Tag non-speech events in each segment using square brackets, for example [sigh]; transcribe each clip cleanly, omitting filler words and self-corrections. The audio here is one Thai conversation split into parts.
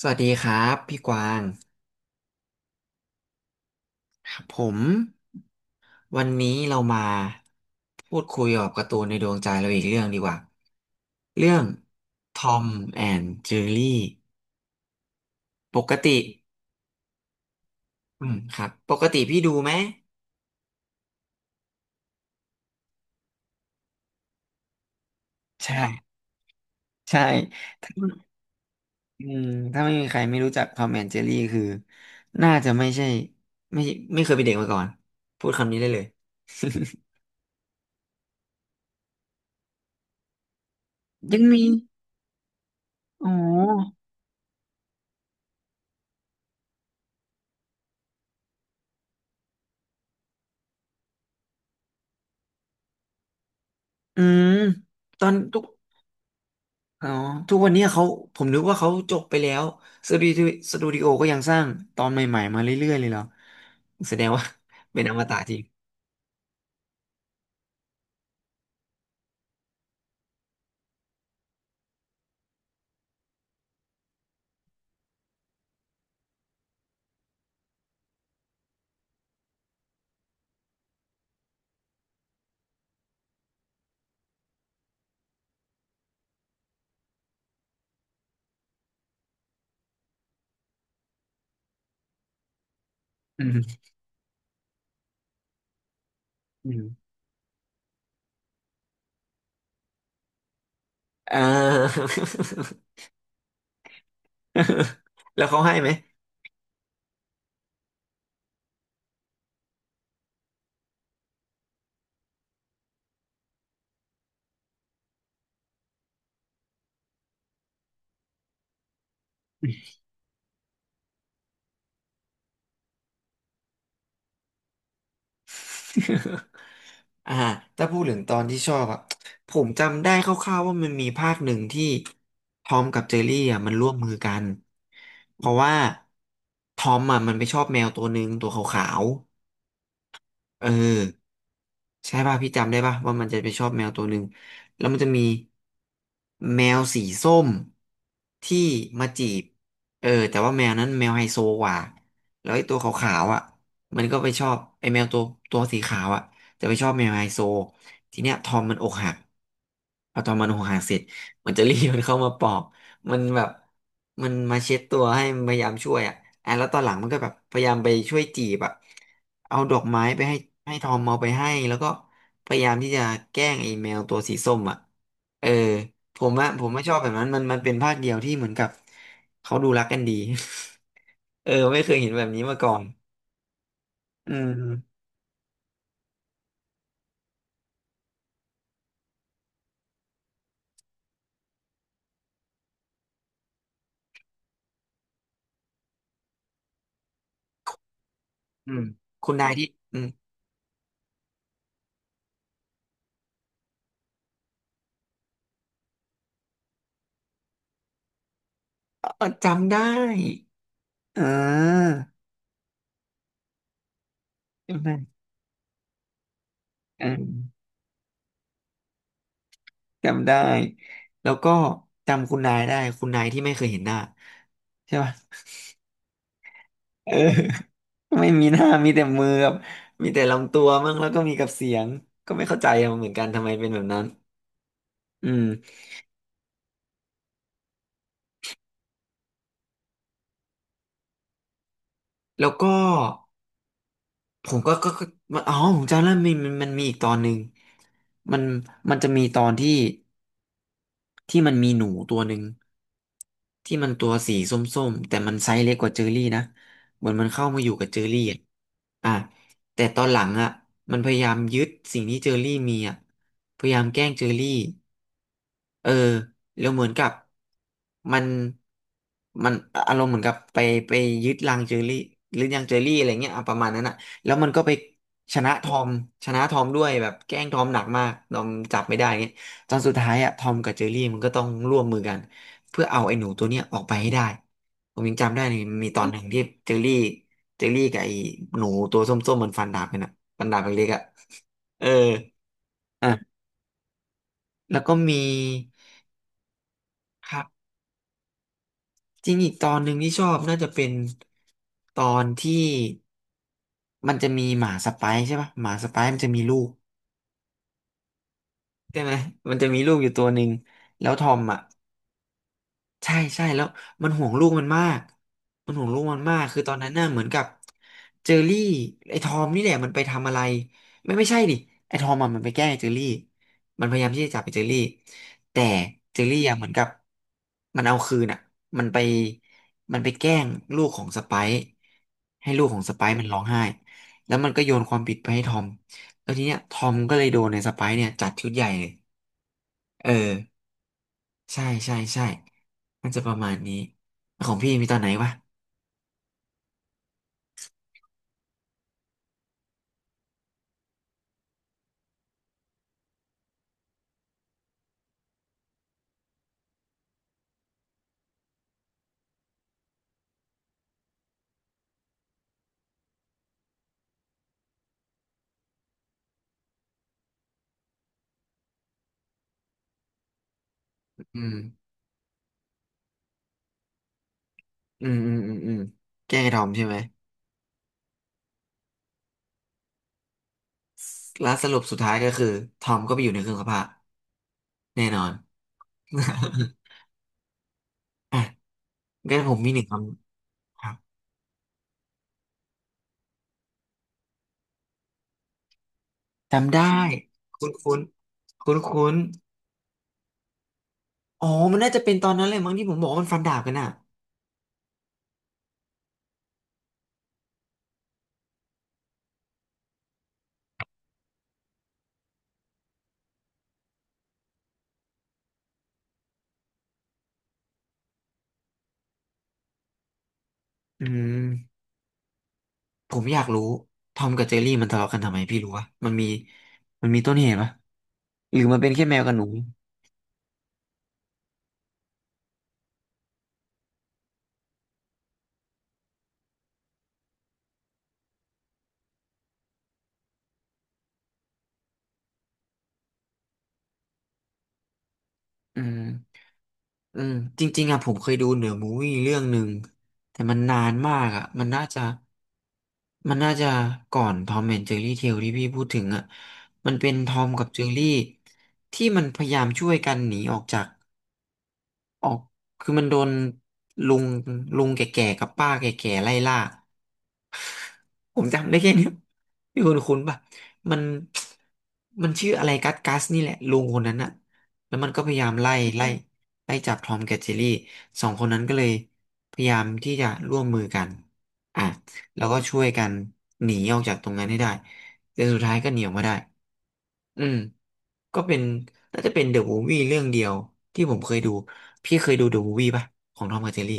สวัสดีครับพี่กวางครับผมวันนี้เรามาพูดคุยกับการ์ตูนในดวงใจเราอีกเรื่องดีกว่าเรื่องทอมแอนด์เจอรี่ปกติอืมครับปกติพี่ดูไหมใช่ใช่ถ้าอืมถ้าไม่มีใครไม่รู้จักทอมแอนด์เจอรี่คือน่าจะไม่ใช่ไม่ไม่เคยเป็นเด็กมาก่อนพูดคำนี้ได้เลย [laughs] ยังมีอ๋ออืมตอนทุก อ๋อทุกวันเนี้ยเขาผมนึกว่าเขาจบไปแล้วสตูดิโอสตูดิโอก็ยังสร้างตอนใหม่ๆมาเรื่อยๆเลยเหรอแสดงว่า [laughs] เป็นอมตะจริงอืมอืมอ่า [laughs] แล้วเขาให้ไหม [laughs] อ่าถ้าพูดถึงตอนที่ชอบอ่ะผมจำได้คร่าวๆว่ามันมีภาคหนึ่งที่ทอมกับเจอรี่อ่ะมันร่วมมือกันเพราะว่าทอมอ่ะมันไปชอบแมวตัวหนึ่งตัวขาวๆเออ ใช่ป่ะพี่จำได้ป่ะว่ามันจะไปชอบแมวตัวหนึ่งแล้วมันจะมีแมวสีส้มที่มาจีบเออแต่ว่าแมวนั้นแมวไฮโซกว่าแล้วไอ้ตัวขาวๆอ่ะมันก็ไปชอบไอ้แมวตัวสีขาวอ่ะจะไปชอบแมวไฮโซทีเนี้ยทอมมันอกหักพอทอมมันอกหักเสร็จ มันจะรีบมันเข้ามาปอกมันแบบมันมาเช็ดตัวให้พยายามช่วยอ่ะอ่ะแล้วตอนหลังมันก็แบบพยายามไปช่วยจีบอ่ะเอาดอกไม้ไปให้ให้ทอมเอาไปให้แล้วก็พยายามที่จะแกล้งไอ้แมวตัวสีส้มอ่ะเออผมอะผมไม่ชอบแบบนั้นมันเป็นภาคเดียวที่เหมือนกับเขาดูรักกันดี [laughs] เออไม่เคยเห็นแบบนี้มาก่อนอืมอืมคุณนายที่อืมออจำได้อ่าจำได้อืม จำได้ แล้วก็จำคุณนายได้คุณนายที่ไม่เคยเห็นหน้าใช่ป่ะเออ [laughs] ไม่มีหน้ามีแต่มือกับมีแต่ลำตัวมั่งแล้วก็มีกับเสียงก็ไม่เข้าใจอะเหมือนกันทำไมเป็นแบบนั้นอืมแล้วก็ผมก็อ๋อผมจำแล้วมีมันมีอีกตอนหนึ่งมันมันจะมีตอนที่ ที่มันมีหนูตัวหนึ่งที่มันตัวสีส้มๆแต่มันไซส์เล็กกว่าเจอรี่นะเหมือนมันเข้ามาอยู่กับเจอรี่อ่ะอ่ะแต่ตอนหลังอ่ะมันพยายามยึดสิ่งที่เจอรี่มีอ่ะพยายามแกล้งเจอรี่เออแล้วเหมือนกับมันมันอารมณ์เหมือนกับไปยึดรังเจอรี่หรือยังเจอรี่อะไรเงี้ยอ่ะประมาณนั้นอ่ะแล้วมันก็ไปชนะทอมชนะทอมด้วยแบบแกล้งทอมหนักมากทอมจับไม่ได้เงี้ย ตอนสุดท้ายอะทอมกับเจอรี่มันก็ต้องร่วมมือกันเพื่อเอาไอ้หนูตัวเนี้ยออกไปให้ได้ผมยังจำได้เลยมีตอนหนึ่งที่เจอรี่เจอรี่กับไอ้หนูตัวส้มๆมันฟันดาบกันอะฟันดาบเล็กๆอะเอออ่ะแล้วก็มีครับจริงอีกตอนหนึ่งที่ชอบน่าจะเป็นตอนที่มันจะมีหมาสไปซ์ใช่ปะหมาสไปซ์มันจะมีลูกใช่ไหมมันจะมีลูกอยู่ตัวหนึ่งแล้วทอมอ่ะ ใช่ใช่แล้วมันห่วงลูกมันมากมันห่วงลูกมันมากคือตอนนั้นน่ะเหมือนกับเจอรี่ไอ้ทอมนี่แหละมันไปทำอะไรไม่ใช่ดิไอ้ทอมอะมันไปแกล้งไอ้เจอรี่มันพยายามที่จะจับไอ้เจอรี่แต่เจอรี่อะเหมือนกับมันเอาคืนอ่ะมันไปมันไปแกล้งลูกของสไปซ์ให้ลูกของสไปซ์มันร้องไห้แล้วมันก็โยนความผิดไปให้ทอมแล้วทีเนี้ยทอมก็เลยโดนในสไปซ์เนี่ยจัดชุดใหญ่เลยเออ ใช่ใช่ใช่มันจะประมาณนี้ของพี่มีตอนไหนวะอืมอืมอืมอืมอืมแกล้งไอ้ทอมใช่ไหมแล้วสรุปสุดท้ายก็คือทอมก็ไปอยู่ในเครื่องซักผ้าแน่นอน [laughs] อ่ะงั้นผมมีหนึ่งคำครับจำได้ คุ้นคุ้นคุ้นคุ้นๆอ๋อมันน่าจะเป็นตอนนั้นเลยมั้งที่ผมบอกว่ามันฟันดาบกันอ่ะ อืมผมอยากรู้ทอมกับเจอรี่มันทะเลาะกันทำไมพี่รู้วะมันมีมันมีต้นเหตุปะหรือมันเป็นแค่แมวกับหนูอืม อืมจริงๆอ่ะผมเคยดูเหนือมูวี่เรื่องหนึ่งแต่มันนานมากอ่ะมันน่าจะก่อนทอมแอนด์เจอรี่เทลที่พี่พูดถึงอ่ะมันเป็นทอมกับเจอรี่ที่มันพยายามช่วยกันหนีออกจาก ออกคือมันโดนลุงลุงแก่ๆกับป้าแก่ๆไล่ล่า ผมจำได้แค่เนี้ยพี่คุณคุณป่ะมันมันชื่ออะไรกัสกัสนี่แหละลุงคนนั้นอะแล้วมันก็พยายามไล่ไล่จับทอมกับเจอรี่สองคนนั้นก็เลยพยายามที่จะร่วมมือกันอ่ะแล้วก็ช่วยกันหนีออกจากตรงนั้นให้ได้ แต่สุดท้ายก็หนีออกมาได้ อืม ก็เป็นน่าจะเป็นเดอะมูฟวี่เรื่องเดียวที่ผมเคยดูพี่เคยดูเดอะมูฟวี่ป่ะของทอมกับเจอรี่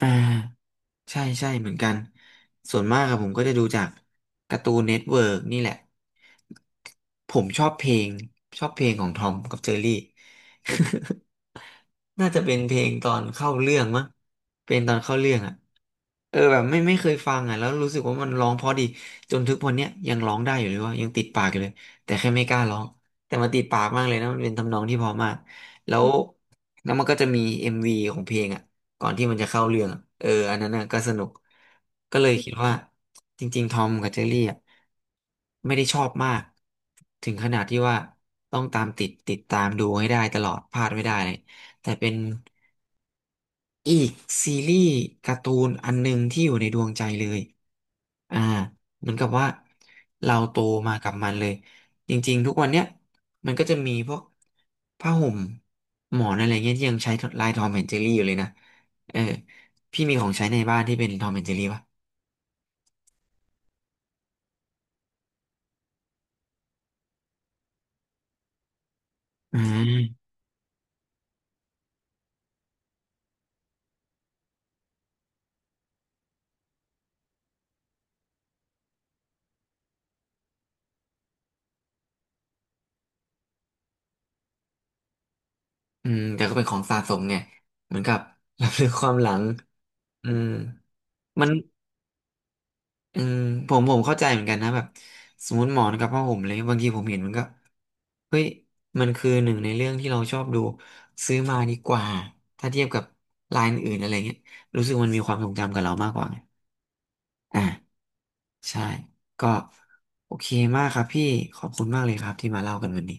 อ่า ใช่ใช่เหมือนกัน ส่วนมากอะผมก็จะดูจากการ์ตูนเน็ตเวิร์กนี่แหละ ผมชอบเพลงชอบเพลงของทอมกับเจอรี่ น่าจะเป็นเพลงตอนเข้าเรื่องมั้งเป็นตอนเข้าเรื่องอ่ะเออแบบไม่เคยฟังอ่ะแล้วรู้สึกว่ามันร้องเพราะดีจนทุกวันเนี้ยยังร้องได้อยู่เลยว่ายังติดปากอยู่เลยแต่แค่ไม่กล้าร้องแต่มันติดปากมากเลยนะมันเป็นทำนองที่เพอมากแล้วแล้วมันก็จะมีเอ็มวีของเพลงอ่ะก่อนที่มันจะเข้าเรื่องอะเอออันนั้นน่ะก็สนุกก็เลยคิดว่าจริงๆทอมกับเจอรี่อ่ะไม่ได้ชอบมากถึงขนาดที่ว่าต้องตามติดติดตามดูให้ได้ตลอดพลาดไม่ได้เลย แต่เป็นอีกซีรีส์การ์ตูนอันหนึงที่อยู่ในดวงใจเลย อ่าเหมือนกับว่าเราโตมากับมันเลย จริงๆทุกวันเนี้ยมันก็จะมีพวกผ้าห่มหมอนอะไรเงี้ยที่ยังใช้ลายทอมแอนด์เจอรี่อยู่เลยนะ เออพี่มีของใช้ในบ้านที่เป็นทอมแอนด์เจอรี่ป่ะอืมอืมแต่ก็เป็นของสะสมไงเหมือนกับ [laughs] รับรู้ความหลัง อืมมัน อืมผมเข้าใจเหมือนกันนะแบบสมมติหมอนกับผ้าห่มเลยบางทีผมเห็นมันก็เฮ้ยมันคือหนึ่งในเรื่องที่เราชอบดูซื้อมาดีกว่าถ้าเทียบกับลายอื่นๆอะไรเงี้ยรู้สึกมันมีความทรงจำกับเรามากกว่าไงอ่าใช่ก็โอเคมากครับพี่ขอบคุณมากเลยครับที่มาเล่ากันวันนี้